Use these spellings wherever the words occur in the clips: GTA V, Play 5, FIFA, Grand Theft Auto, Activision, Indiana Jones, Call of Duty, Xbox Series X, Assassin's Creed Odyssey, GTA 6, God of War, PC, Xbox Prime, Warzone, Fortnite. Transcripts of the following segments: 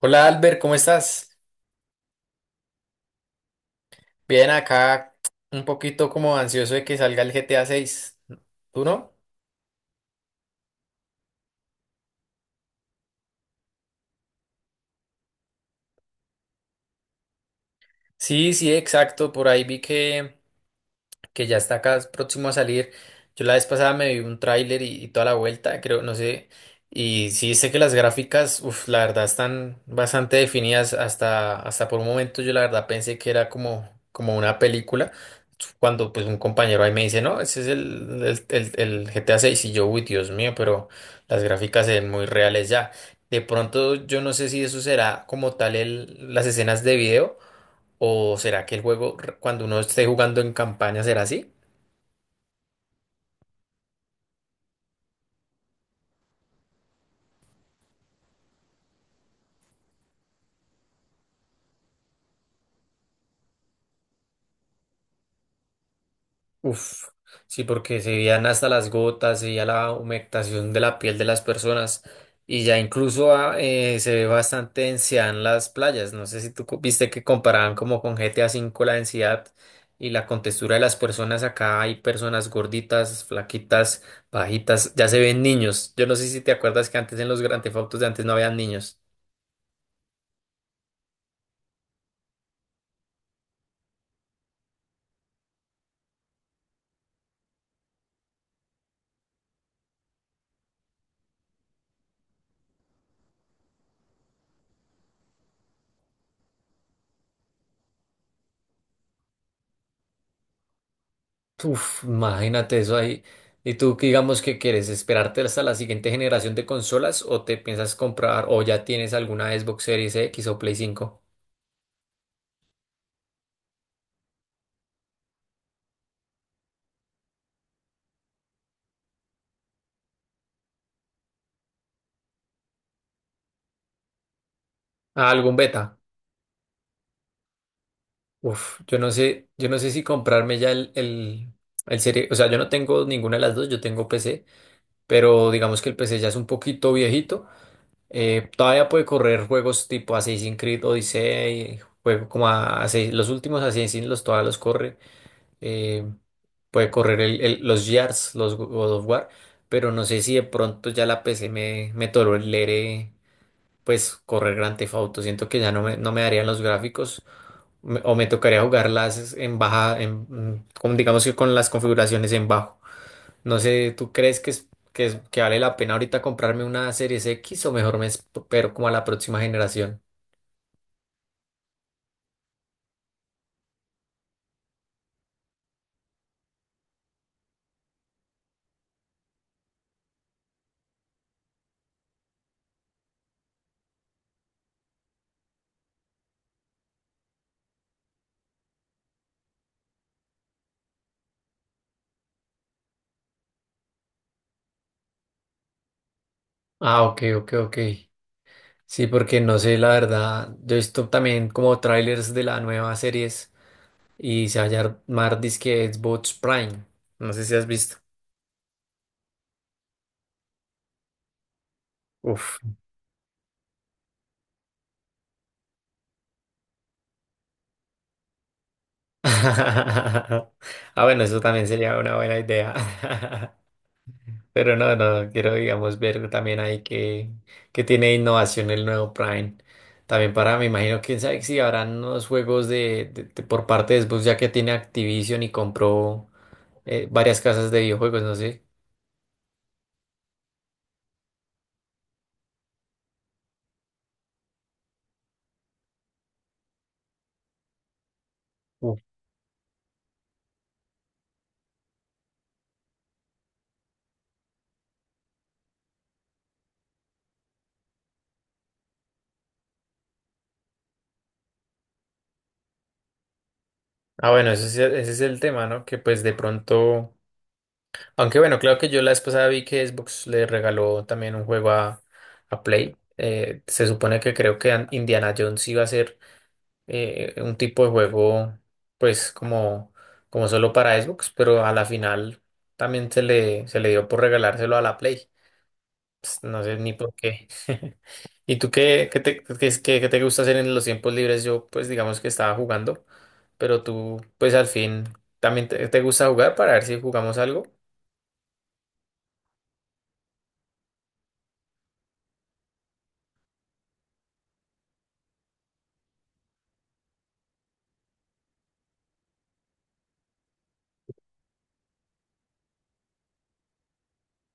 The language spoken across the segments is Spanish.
Hola Albert, ¿cómo estás? Bien, acá un poquito como ansioso de que salga el GTA 6. ¿Tú no? Sí, sí, exacto. Por ahí vi que ya está acá próximo a salir. Yo la vez pasada me vi un tráiler y toda la vuelta, creo, no sé. Y sí sé que las gráficas, uff, la verdad están bastante definidas. Hasta por un momento yo la verdad pensé que era como una película. Cuando pues un compañero ahí me dice, no, ese es el GTA 6 y yo, uy, Dios mío, pero las gráficas se ven muy reales ya. De pronto yo no sé si eso será como tal las escenas de video o será que cuando uno esté jugando en campaña será así. Uf, sí, porque se veían hasta las gotas, se veía la humectación de la piel de las personas y ya incluso se ve bastante densidad en las playas. No sé si viste que comparaban como con GTA V la densidad y la contextura de las personas. Acá hay personas gorditas, flaquitas, bajitas, ya se ven niños. Yo no sé si te acuerdas que antes en los Grand Theft Autos de antes no habían niños. Uf, imagínate eso ahí. ¿Y tú qué digamos que quieres? ¿Esperarte hasta la siguiente generación de consolas o te piensas comprar o ya tienes alguna Xbox Series X o Play 5? Ah, algún beta. Uf, yo no sé si comprarme ya el serie, o sea, yo no tengo ninguna de las dos, yo tengo PC, pero digamos que el PC ya es un poquito viejito. Todavía puede correr juegos tipo Assassin's Creed Odyssey, juego como a, Assassin- los últimos Assassin's los todavía los corre. eh, Puede correr los yards, los God of War, pero no sé si de pronto ya la PC me tolere pues correr Grand Theft Auto. Siento que ya no me darían los gráficos o me tocaría jugarlas en baja, digamos que con las configuraciones en bajo. No sé, ¿tú crees que vale la pena ahorita comprarme una Series X o mejor me espero como a la próxima generación? Ah, ok, ok, ok. Sí, porque no sé, la verdad, yo he visto también como trailers de la nueva series y se va a llamar disque Xbox Prime. No sé si has visto. Uf. Ah, bueno, eso también sería una buena idea. Pero no, no, quiero, digamos, ver también ahí que tiene innovación el nuevo Prime. También para, me imagino, quién sabe si habrán unos juegos por parte de Xbox, ya que tiene Activision y compró varias casas de videojuegos, no sé. Uf. Ah, bueno, ese es el tema, ¿no? Que pues de pronto. Aunque bueno, claro que yo la vez pasada vi que Xbox le regaló también un juego a Play. Se supone que creo que Indiana Jones iba a ser un tipo de juego, pues como solo para Xbox, pero a la final también se le dio por regalárselo a la Play. Pues, no sé ni por qué. ¿Y tú qué, qué te, qué es- qué- qué te gusta hacer en los tiempos libres? Yo, pues digamos que estaba jugando, pero tú, pues al fin, también te gusta jugar para ver si jugamos algo.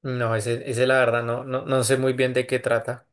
No, ese la verdad no sé muy bien de qué trata.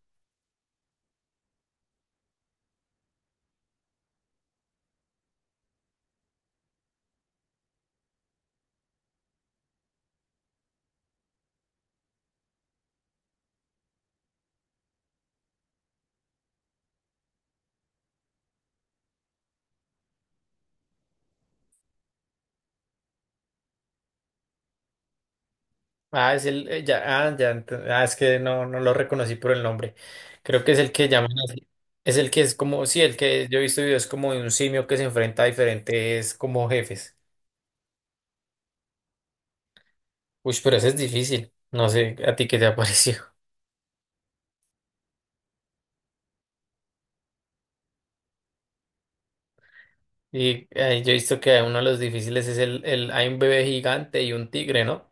Ah, es el, ya, ah, ya, ent- ah, Es que no, no lo reconocí por el nombre. Creo que es el que llaman así. Es el que es como, sí, el que yo he visto videos como de un simio que se enfrenta a diferentes como jefes. Uy, pero ese es difícil. No sé a ti qué te ha parecido. Y yo he visto que uno de los difíciles es hay un bebé gigante y un tigre, ¿no?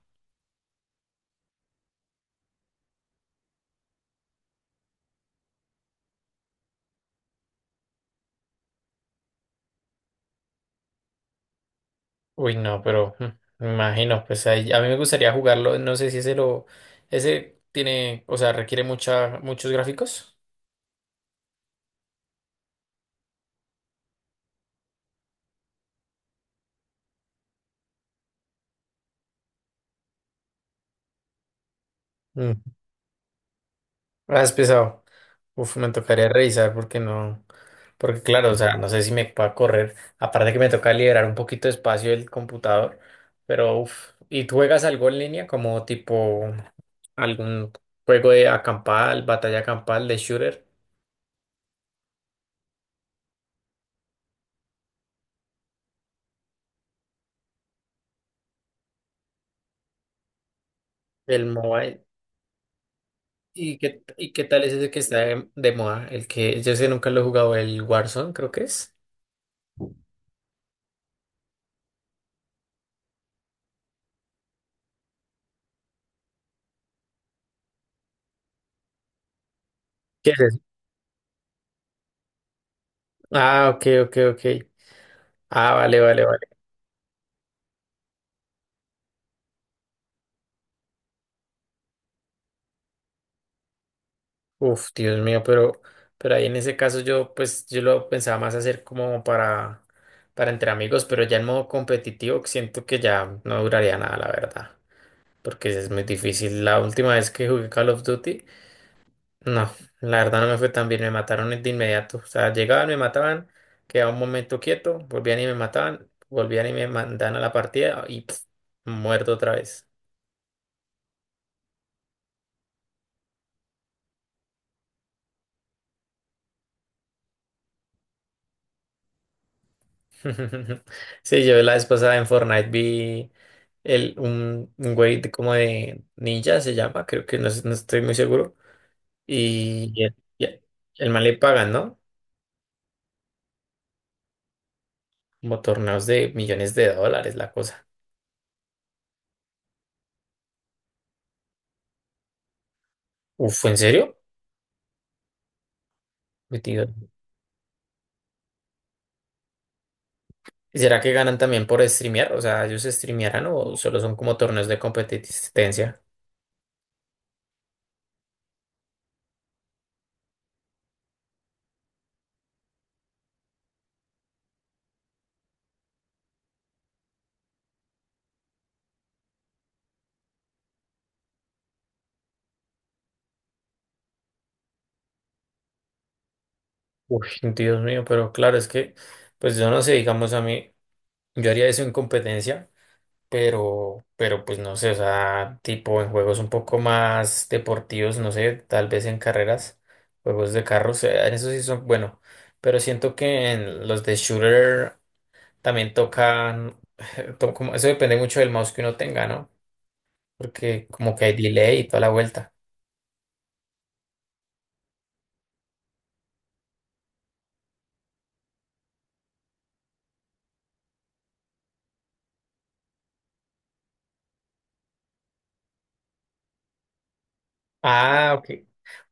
Uy, no, pero me imagino, pues a mí me gustaría jugarlo, no sé si ese tiene, o sea, requiere muchos gráficos. Mm. Ah, es pesado. Uf, me tocaría revisar porque claro, o sea, no sé si me pueda correr, aparte que me toca liberar un poquito de espacio del computador, pero uf, ¿y tú juegas algo en línea como tipo algún juego de acampada, batalla campal, de shooter, el mobile? ¿Y qué tal es ese que está de moda? El que yo sé nunca lo he jugado, el Warzone, creo que es. ¿Qué es eso? Ah, ok, ok, ok. Ah, vale, vale, vale. Uf, Dios mío, pero ahí en ese caso yo, pues, yo lo pensaba más hacer como para entre amigos, pero ya en modo competitivo siento que ya no duraría nada, la verdad. Porque es muy difícil. La última vez que jugué Call of Duty. No, la verdad no me fue tan bien, me mataron de inmediato. O sea, llegaban, me mataban, quedaba un momento quieto, volvían y me mataban, volvían y me mandaban a la partida y pf, muerto otra vez. Sí, yo la vez pasada en Fortnite vi un güey como de ninja, se llama, creo que no, no estoy muy seguro. Y el man le pagan, ¿no? Como torneos de millones de dólares, la cosa. Uf, ¿en serio? Metido. ¿Y será que ganan también por streamear? O sea, ¿ellos streamearán o solo son como torneos de competencia? Uy, Dios mío, pero claro, es que, pues yo no sé, digamos a mí, yo haría eso en competencia, pero pues no sé, o sea, tipo en juegos un poco más deportivos, no sé, tal vez en carreras, juegos de carros, en eso sí son, bueno, pero siento que en los de shooter también tocan, eso depende mucho del mouse que uno tenga, ¿no? Porque como que hay delay y toda la vuelta. Ah, ok.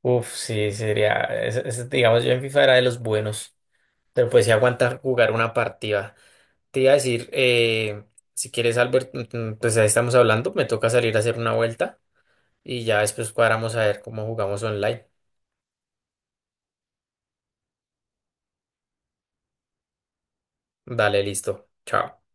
Uf, sí, sería. Ese, digamos, yo en FIFA era de los buenos, pero pues sí aguantar jugar una partida. Te iba a decir, si quieres, Albert, pues ahí estamos hablando, me toca salir a hacer una vuelta y ya después cuadramos a ver cómo jugamos online. Dale, listo. Chao.